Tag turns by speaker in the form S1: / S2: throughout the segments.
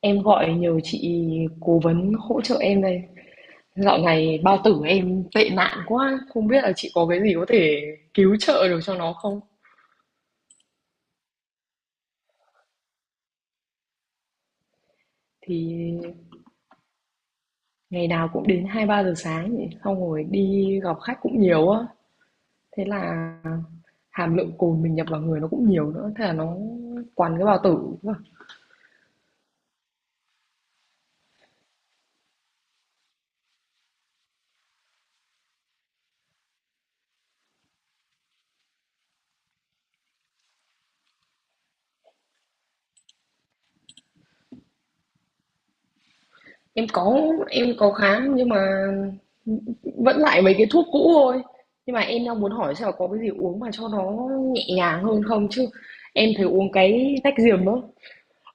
S1: Em gọi nhờ chị cố vấn hỗ trợ em đây. Dạo này bao tử em tệ nạn quá, không biết là chị có cái gì có thể cứu trợ được cho nó không? Thì ngày nào cũng đến hai ba giờ sáng nhỉ, xong rồi đi gặp khách cũng nhiều á. Thế là hàm lượng cồn mình nhập vào người nó cũng nhiều nữa, thế là nó quằn cái bao tử. Em có em có khám nhưng mà vẫn lại mấy cái thuốc cũ thôi. Nhưng mà em đang muốn hỏi xem là có cái gì uống mà cho nó nhẹ nhàng hơn không chứ em thấy uống cái tách diềm á,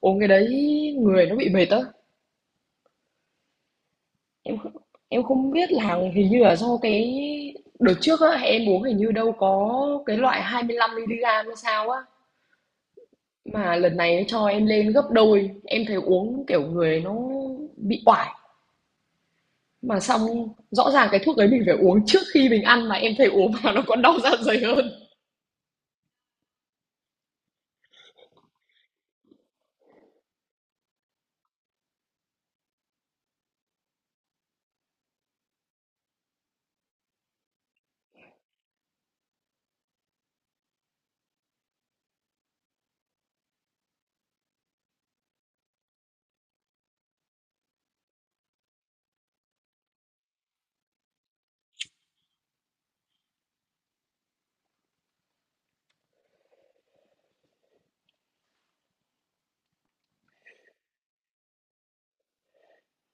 S1: uống cái đấy người nó bị mệt á. Em không- em không biết là hình như là do cái đợt trước á em uống hình như đâu có cái loại 25 mg hay sao á, mà lần này nó cho em lên gấp đôi, em thấy uống kiểu người nó bị oải. Mà xong, rõ ràng cái thuốc đấy mình phải uống trước khi mình ăn mà em thấy uống vào nó còn đau dạ dày hơn.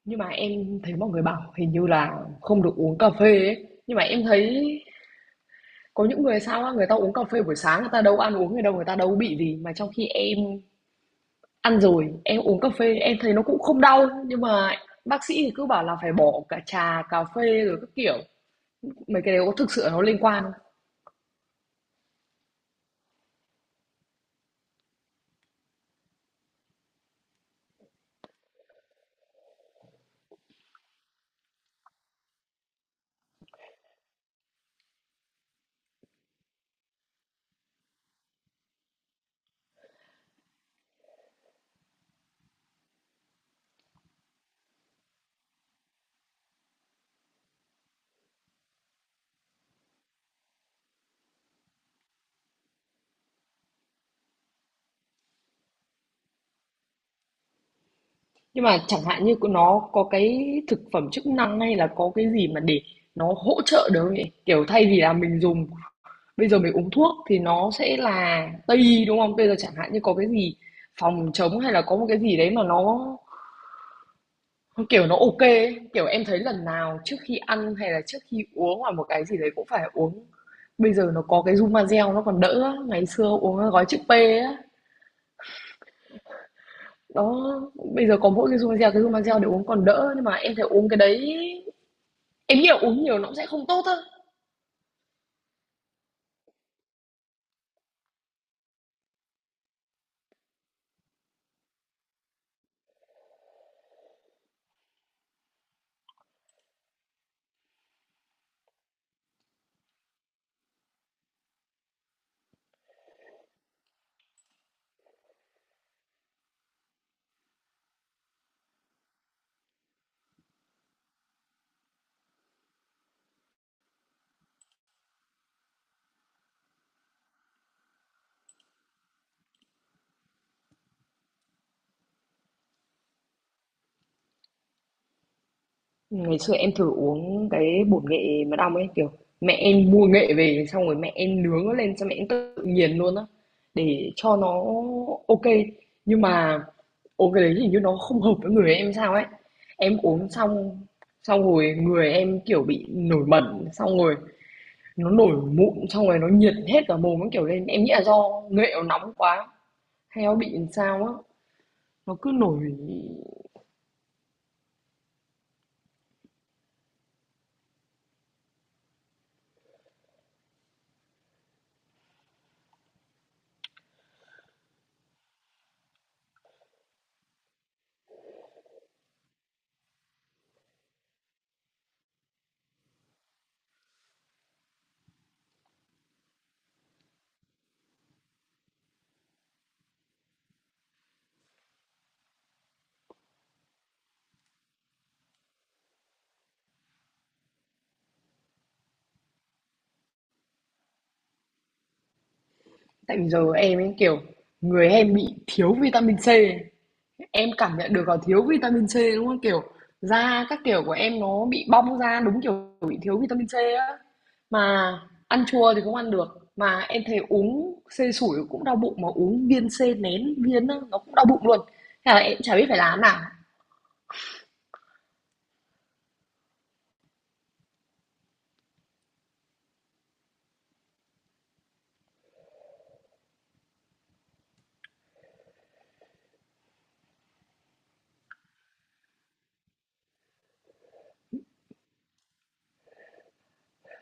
S1: Nhưng mà em thấy mọi người bảo hình như là không được uống cà phê ấy. Nhưng mà em thấy có những người sao á, người ta uống cà phê buổi sáng người ta đâu ăn uống người đâu, người ta đâu bị gì mà trong khi em ăn rồi, em uống cà phê em thấy nó cũng không đau, nhưng mà bác sĩ thì cứ bảo là phải bỏ cả trà, cà phê rồi các kiểu. Mấy cái đấy có thực sự nó liên quan không? Nhưng mà chẳng hạn như nó có cái thực phẩm chức năng hay là có cái gì mà để nó hỗ trợ được không nhỉ? Kiểu thay vì là mình dùng bây giờ mình uống thuốc thì nó sẽ là Tây y, đúng không? Bây giờ chẳng hạn như có cái gì phòng chống hay là có một cái gì đấy mà nó kiểu nó ok ấy. Kiểu em thấy lần nào trước khi ăn hay là trước khi uống hoặc một cái gì đấy cũng phải uống, bây giờ nó có cái Zumazel nó còn đỡ á. Ngày xưa uống cái gói chữ P á, đó, bây giờ có mỗi cái Zumazel để uống còn đỡ, nhưng mà em thấy uống cái đấy, em nghĩ là uống nhiều nó cũng sẽ không tốt thôi. Ngày xưa em thử uống cái bột nghệ mật ong ấy, kiểu mẹ em mua nghệ về xong rồi mẹ em nướng nó lên xong mẹ em tự nghiền luôn á, để cho nó ok. Nhưng mà uống cái đấy hình như nó không hợp với người em sao ấy. Em uống xong xong rồi người em kiểu bị nổi mẩn, xong rồi nó nổi mụn, xong rồi nó nhiệt hết cả mồm nó kiểu lên, em nghĩ là do nghệ nó nóng quá hay nó bị làm sao á, nó cứ nổi. Tại vì giờ em ấy, kiểu, người em bị thiếu vitamin C. Em cảm nhận được là thiếu vitamin C đúng không? Kiểu da các kiểu của em nó bị bong ra đúng kiểu bị thiếu vitamin C á. Mà ăn chua thì không ăn được. Mà em thấy uống C sủi cũng đau bụng, mà uống viên C nén viên á, nó cũng đau bụng luôn. Thế là em chả biết phải làm nào.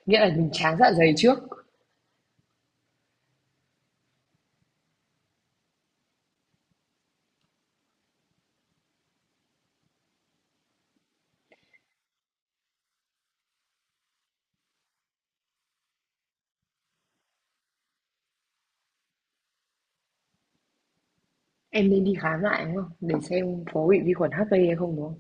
S1: Nghĩa là mình tráng dạ dày trước. Em nên đi khám lại đúng không? Để xem có bị vi khuẩn HP hay không đúng không?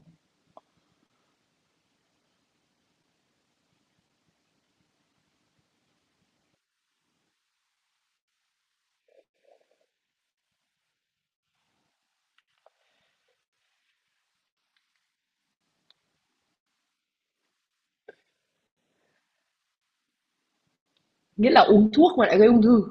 S1: Nghĩa là uống thuốc mà lại gây ung thư.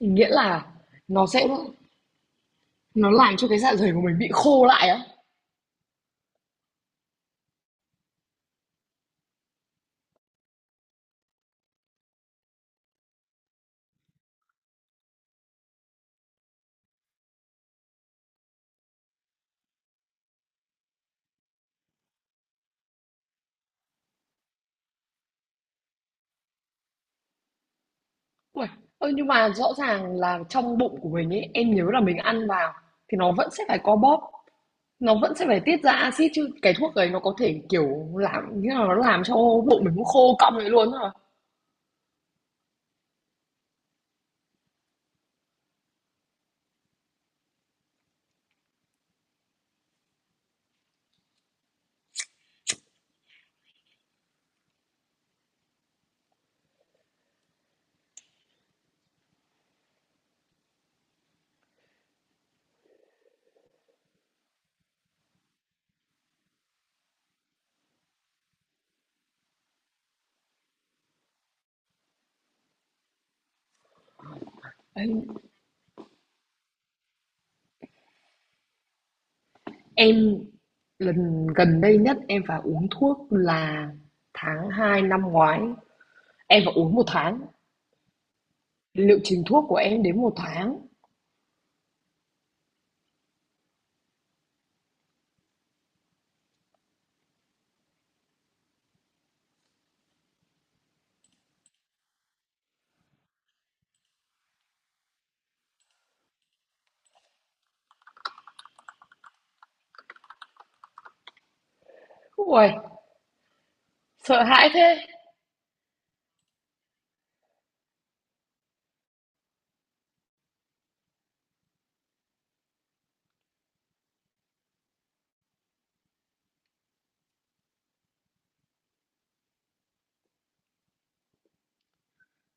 S1: Nghĩa là nó sẽ, nó làm cho cái dạ dày của mình bị khô lại á? Uầy, ơ, nhưng mà rõ ràng là trong bụng của mình ấy, em nhớ là mình ăn vào thì nó vẫn sẽ phải co bóp, nó vẫn sẽ phải tiết ra axit chứ. Cái thuốc đấy nó có thể, kiểu, làm như là nó làm cho bụng mình nó khô cong lại luôn á hả? Ấy, em lần gần đây nhất em phải uống thuốc là tháng 2 năm ngoái, em phải uống một tháng, liệu trình thuốc của em đến một tháng. Uầy, sợ hãi thế!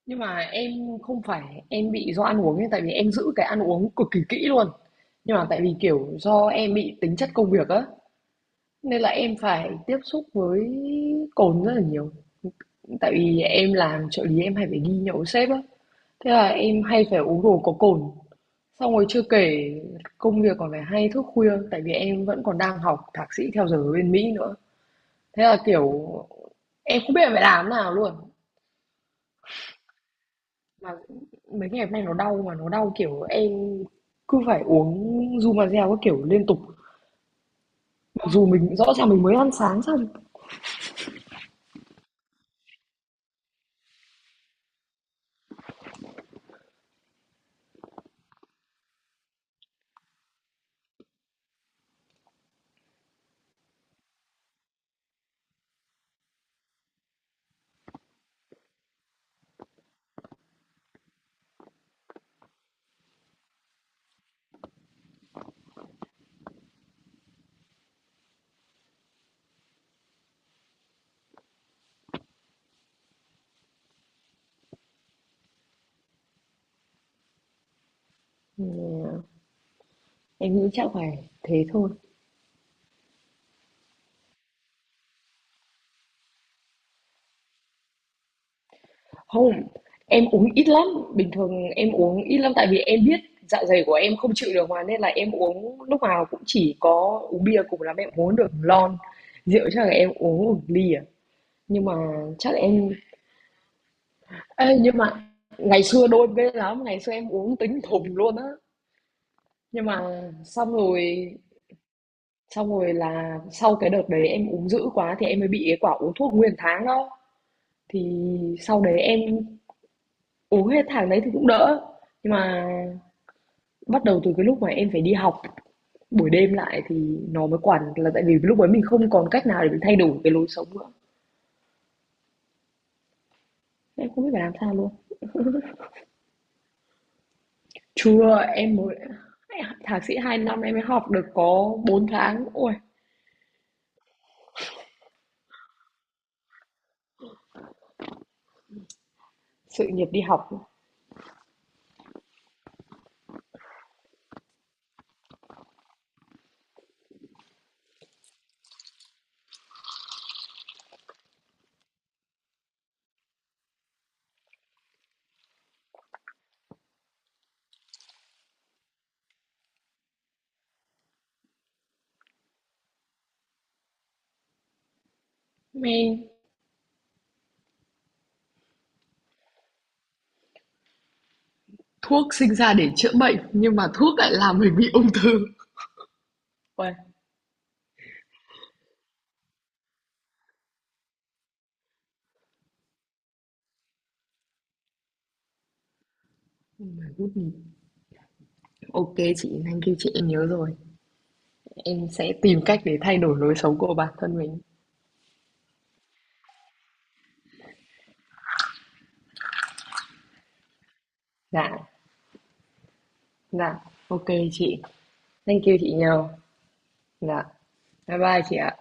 S1: Nhưng mà em không phải em bị do ăn uống ấy, tại vì em giữ cái ăn uống cực kỳ kỹ luôn. Nhưng mà tại vì kiểu do em bị tính chất công việc á, nên là em phải tiếp xúc với cồn rất là nhiều. Tại vì em làm trợ lý em hay phải đi nhậu với sếp á, thế là em hay phải uống đồ có cồn. Xong rồi chưa kể công việc còn phải hay thức khuya, tại vì em vẫn còn đang học thạc sĩ theo giờ ở bên Mỹ nữa. Thế là kiểu em không biết là phải làm thế nào luôn. Mà mấy ngày hôm nay nó đau mà nó đau kiểu em cứ phải uống Zumazel các kiểu liên tục mặc dù mình rõ ràng mình mới ăn sáng xong. Ừ, em nghĩ chắc phải thế thôi. Không, em uống ít lắm bình thường em uống ít lắm tại vì em biết dạ dày của em không chịu được mà, nên là em uống lúc nào cũng chỉ có uống bia, cùng lắm em uống được lon, rượu chắc là em uống một ly à. Nhưng mà chắc là em, ê, nhưng mà ngày xưa đôi bên lắm ngày xưa em uống tính thùng luôn á. Nhưng mà xong rồi là sau cái đợt đấy em uống dữ quá thì em mới bị cái quả uống thuốc nguyên tháng đó. Thì sau đấy em uống hết tháng đấy thì cũng đỡ. Nhưng mà bắt đầu từ cái lúc mà em phải đi học buổi đêm lại thì nó mới quản là tại vì lúc ấy mình không còn cách nào để mình thay đổi cái lối sống nữa. Em không biết phải làm sao luôn. Chưa, em mới thạc sĩ 2 năm em mới học được có 4 tháng. Ôi, sự nghiệp đi học. Men. Thuốc sinh ra để chữa bệnh, nhưng mà thuốc lại làm mình bị ung thư. Uầy. OK chị, thank kêu chị, em nhớ rồi. Em sẽ tìm cách để thay đổi lối sống của bản thân mình. Dạ, dạ. OK chị. Thank you chị nhiều. Dạ. Bye bye chị ạ.